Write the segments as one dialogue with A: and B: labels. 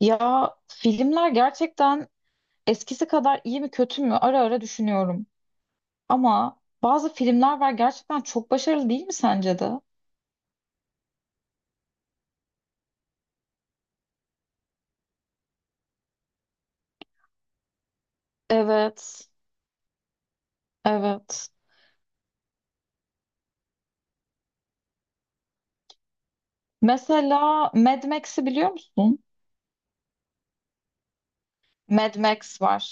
A: Ya filmler gerçekten eskisi kadar iyi mi kötü mü ara ara düşünüyorum. Ama bazı filmler var gerçekten çok başarılı değil mi sence de? Evet, evet. Mesela Mad Max'i biliyor musun? Mad Max var.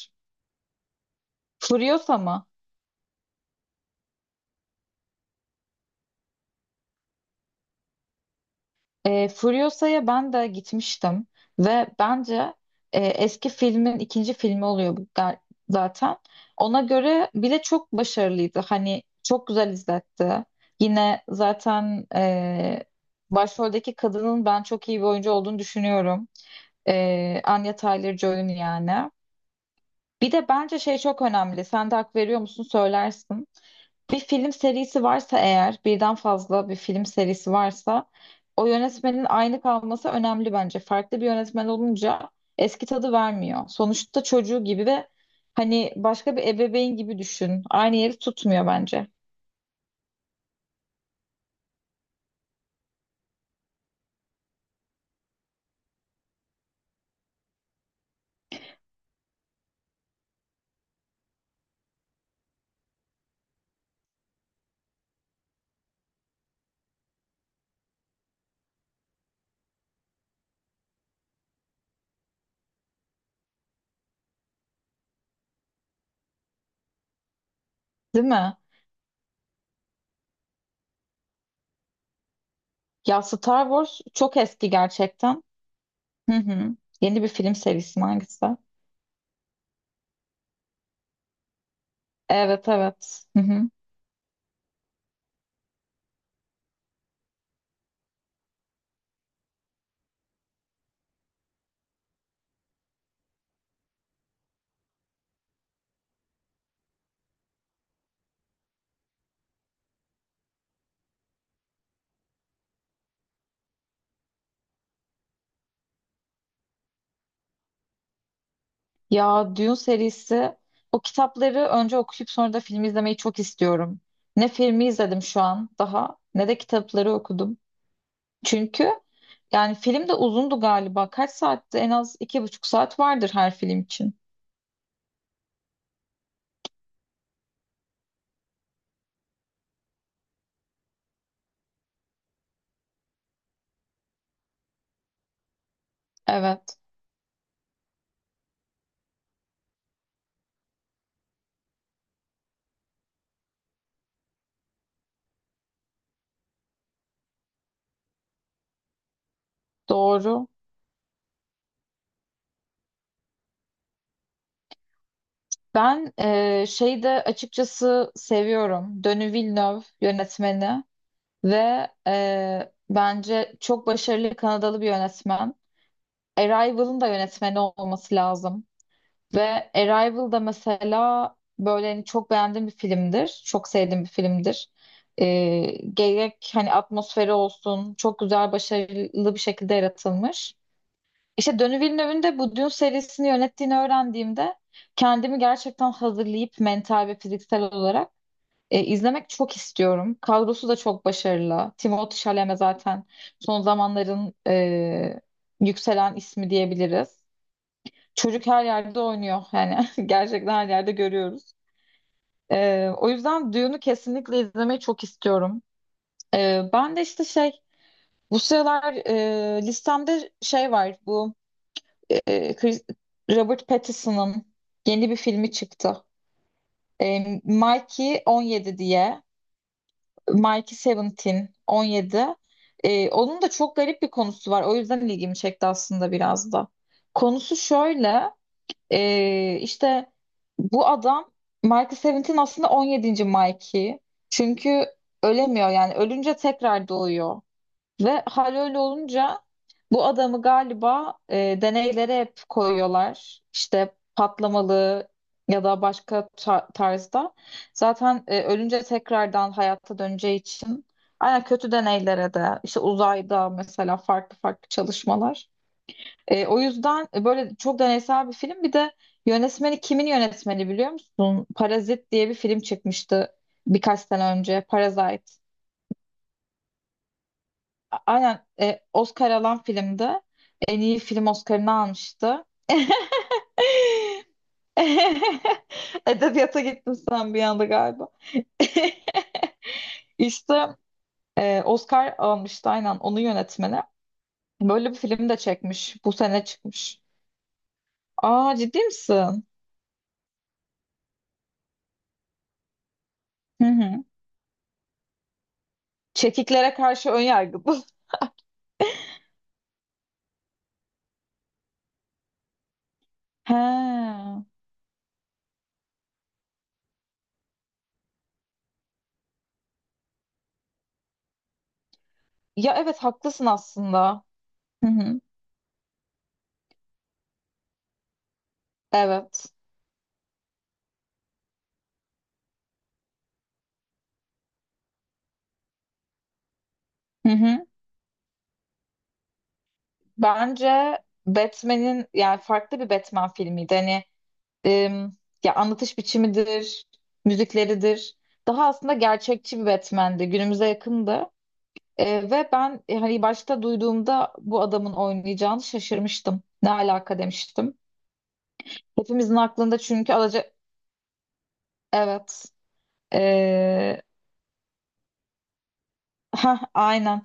A: Furiosa mı? Furiosa'ya ben de gitmiştim ve bence eski filmin ikinci filmi oluyor bu zaten. Ona göre bile çok başarılıydı. Hani çok güzel izletti. Yine zaten başroldeki kadının ben çok iyi bir oyuncu olduğunu düşünüyorum. Anya Taylor-Joy'un yani. Bir de bence şey çok önemli. Sen de hak veriyor musun söylersin. Bir film serisi varsa eğer, birden fazla bir film serisi varsa o yönetmenin aynı kalması önemli bence. Farklı bir yönetmen olunca eski tadı vermiyor. Sonuçta çocuğu gibi ve hani başka bir ebeveyn gibi düşün. Aynı yeri tutmuyor bence. Değil mi? Ya Star Wars çok eski gerçekten. Hı hı. Yeni bir film serisi mi hangisi? Evet evet. Hı hı. Ya Dune serisi o kitapları önce okuyup sonra da film izlemeyi çok istiyorum. Ne filmi izledim şu an daha ne de kitapları okudum. Çünkü yani film de uzundu galiba. Kaç saatti? En az 2,5 saat vardır her film için. Evet, doğru. Ben şeyi de açıkçası seviyorum. Denis Villeneuve yönetmeni ve bence çok başarılı Kanadalı bir yönetmen. Arrival'ın da yönetmeni olması lazım. Ve Arrival da mesela böyle hani çok beğendiğim bir filmdir. Çok sevdiğim bir filmdir. Ee, Gerek hani atmosferi olsun çok güzel başarılı bir şekilde yaratılmış. İşte Denis Villeneuve'ün de bu Dune serisini yönettiğini öğrendiğimde kendimi gerçekten hazırlayıp mental ve fiziksel olarak izlemek çok istiyorum. Kadrosu da çok başarılı. Timothée Chalamet zaten son zamanların yükselen ismi diyebiliriz. Çocuk her yerde oynuyor yani gerçekten her yerde görüyoruz. O yüzden Dune'u kesinlikle izlemeyi çok istiyorum. Ben de işte şey bu sıralar listemde şey var bu e, Chris- Robert Pattinson'ın yeni bir filmi çıktı. Mikey 17 diye Mikey 17. Onun da çok garip bir konusu var. O yüzden ilgimi çekti aslında biraz da. Konusu şöyle. İşte bu adam Michael Seventeen aslında 17. Mikey. Çünkü ölemiyor yani ölünce tekrar doğuyor. Ve hal öyle olunca bu adamı galiba deneylere hep koyuyorlar. İşte patlamalı ya da başka tarzda. Zaten ölünce tekrardan hayata döneceği için aynen kötü deneylere de işte uzayda mesela farklı farklı çalışmalar. O yüzden böyle çok deneysel bir film. Bir de yönetmeni kimin yönetmeni biliyor musun? Parazit diye bir film çıkmıştı birkaç sene önce. Parasite. Aynen Oscar alan filmdi. En iyi film Oscar'ını almıştı. Edebiyata gittin sen bir anda galiba. İşte Oscar almıştı aynen onun yönetmeni. Böyle bir film de çekmiş. Bu sene çıkmış. Aa ciddi misin? Hı hı. Çekiklere karşı ön yargı bu. He. Ya evet haklısın aslında. Hı hı. Evet. Hı hı. Bence Batman'in yani farklı bir Batman filmiydi. Hani em, ya anlatış biçimidir, müzikleridir. Daha aslında gerçekçi bir Batman'di. Günümüze yakındı. Ve ben hani başta duyduğumda bu adamın oynayacağını şaşırmıştım. Ne alaka demiştim. Hepimizin aklında çünkü evet. E, aynen.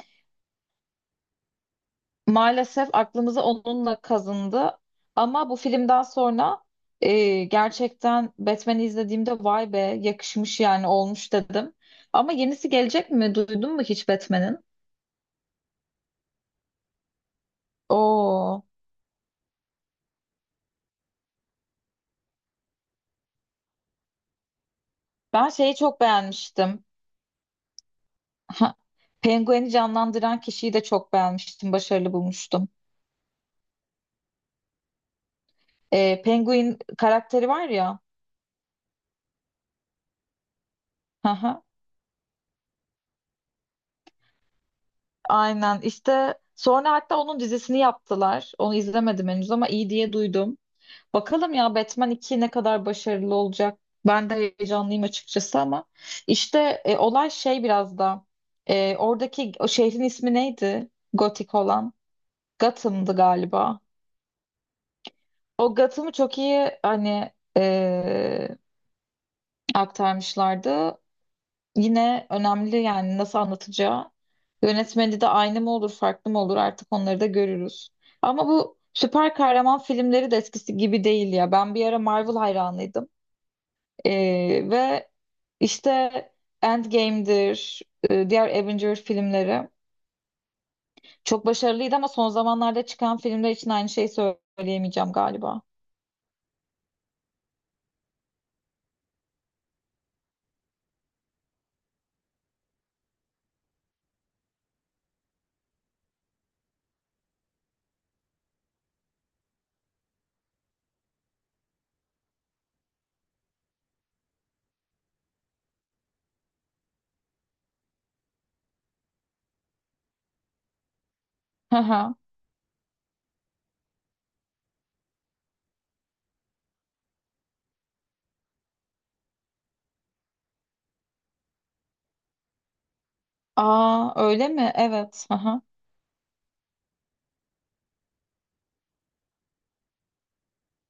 A: Maalesef aklımızı onunla kazındı. Ama bu filmden sonra gerçekten Batman'i izlediğimde vay be yakışmış yani olmuş dedim. Ama yenisi gelecek mi? Duydun mu hiç Batman'in? Oo, ben şeyi çok beğenmiştim. Ha, Penguin'i canlandıran kişiyi de çok beğenmiştim. Başarılı bulmuştum. Penguin karakteri var ya. Hı hı. Aynen işte sonra hatta onun dizisini yaptılar. Onu izlemedim henüz ama iyi diye duydum. Bakalım ya Batman 2 ne kadar başarılı olacak. Ben de heyecanlıyım açıkçası ama işte olay şey biraz da oradaki o şehrin ismi neydi? Gotik olan. Gotham'dı galiba. O Gotham'ı çok iyi hani e, aktarmışlardı. Yine önemli yani nasıl anlatacağı. Yönetmeni de aynı mı olur farklı mı olur artık onları da görürüz. Ama bu süper kahraman filmleri de eskisi gibi değil ya. Ben bir ara Marvel hayranıydım. Ve işte Endgame'dir, diğer Avenger filmleri çok başarılıydı ama son zamanlarda çıkan filmler için aynı şeyi söyleyemeyeceğim galiba. Hı hı. Aa öyle mi? Evet. Hı hı.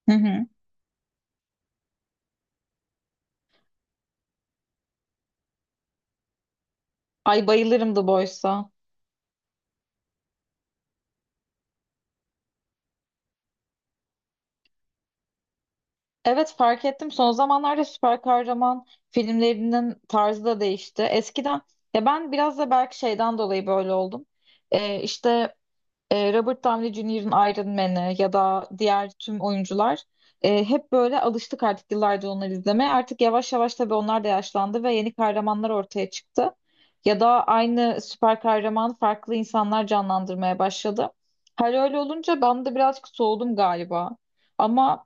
A: Hı hı. Ay bayılırım The Boys'a. Evet fark ettim. Son zamanlarda süper kahraman filmlerinin tarzı da değişti. Eskiden ya ben biraz da belki şeyden dolayı böyle oldum. İşte Robert Downey Jr.'ın Iron Man'i ya da diğer tüm oyuncular hep böyle alıştık artık yıllardır onları izlemeye. Artık yavaş yavaş tabii onlar da yaşlandı ve yeni kahramanlar ortaya çıktı. Ya da aynı süper kahraman farklı insanlar canlandırmaya başladı. Her öyle olunca ben de birazcık soğudum galiba. Ama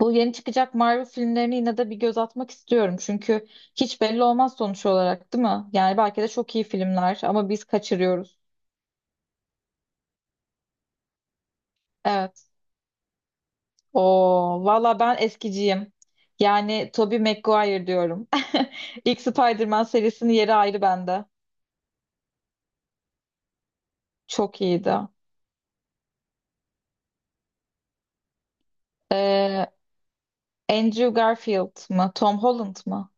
A: bu yeni çıkacak Marvel filmlerine yine de bir göz atmak istiyorum. Çünkü hiç belli olmaz sonuç olarak, değil mi? Yani belki de çok iyi filmler ama biz kaçırıyoruz. Evet. Oo, valla ben eskiciyim. Yani Tobey Maguire diyorum. İlk Spider-Man serisinin yeri ayrı bende. Çok iyiydi. Ee, Andrew Garfield mı? Tom Holland mı?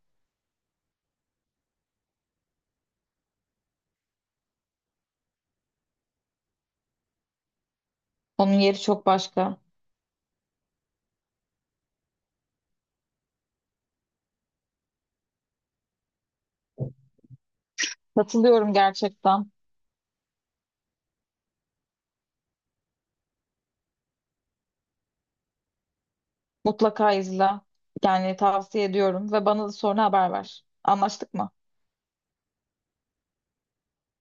A: Onun yeri çok başka. Katılıyorum gerçekten. Mutlaka izle. Yani tavsiye ediyorum ve bana da sonra haber ver. Anlaştık mı?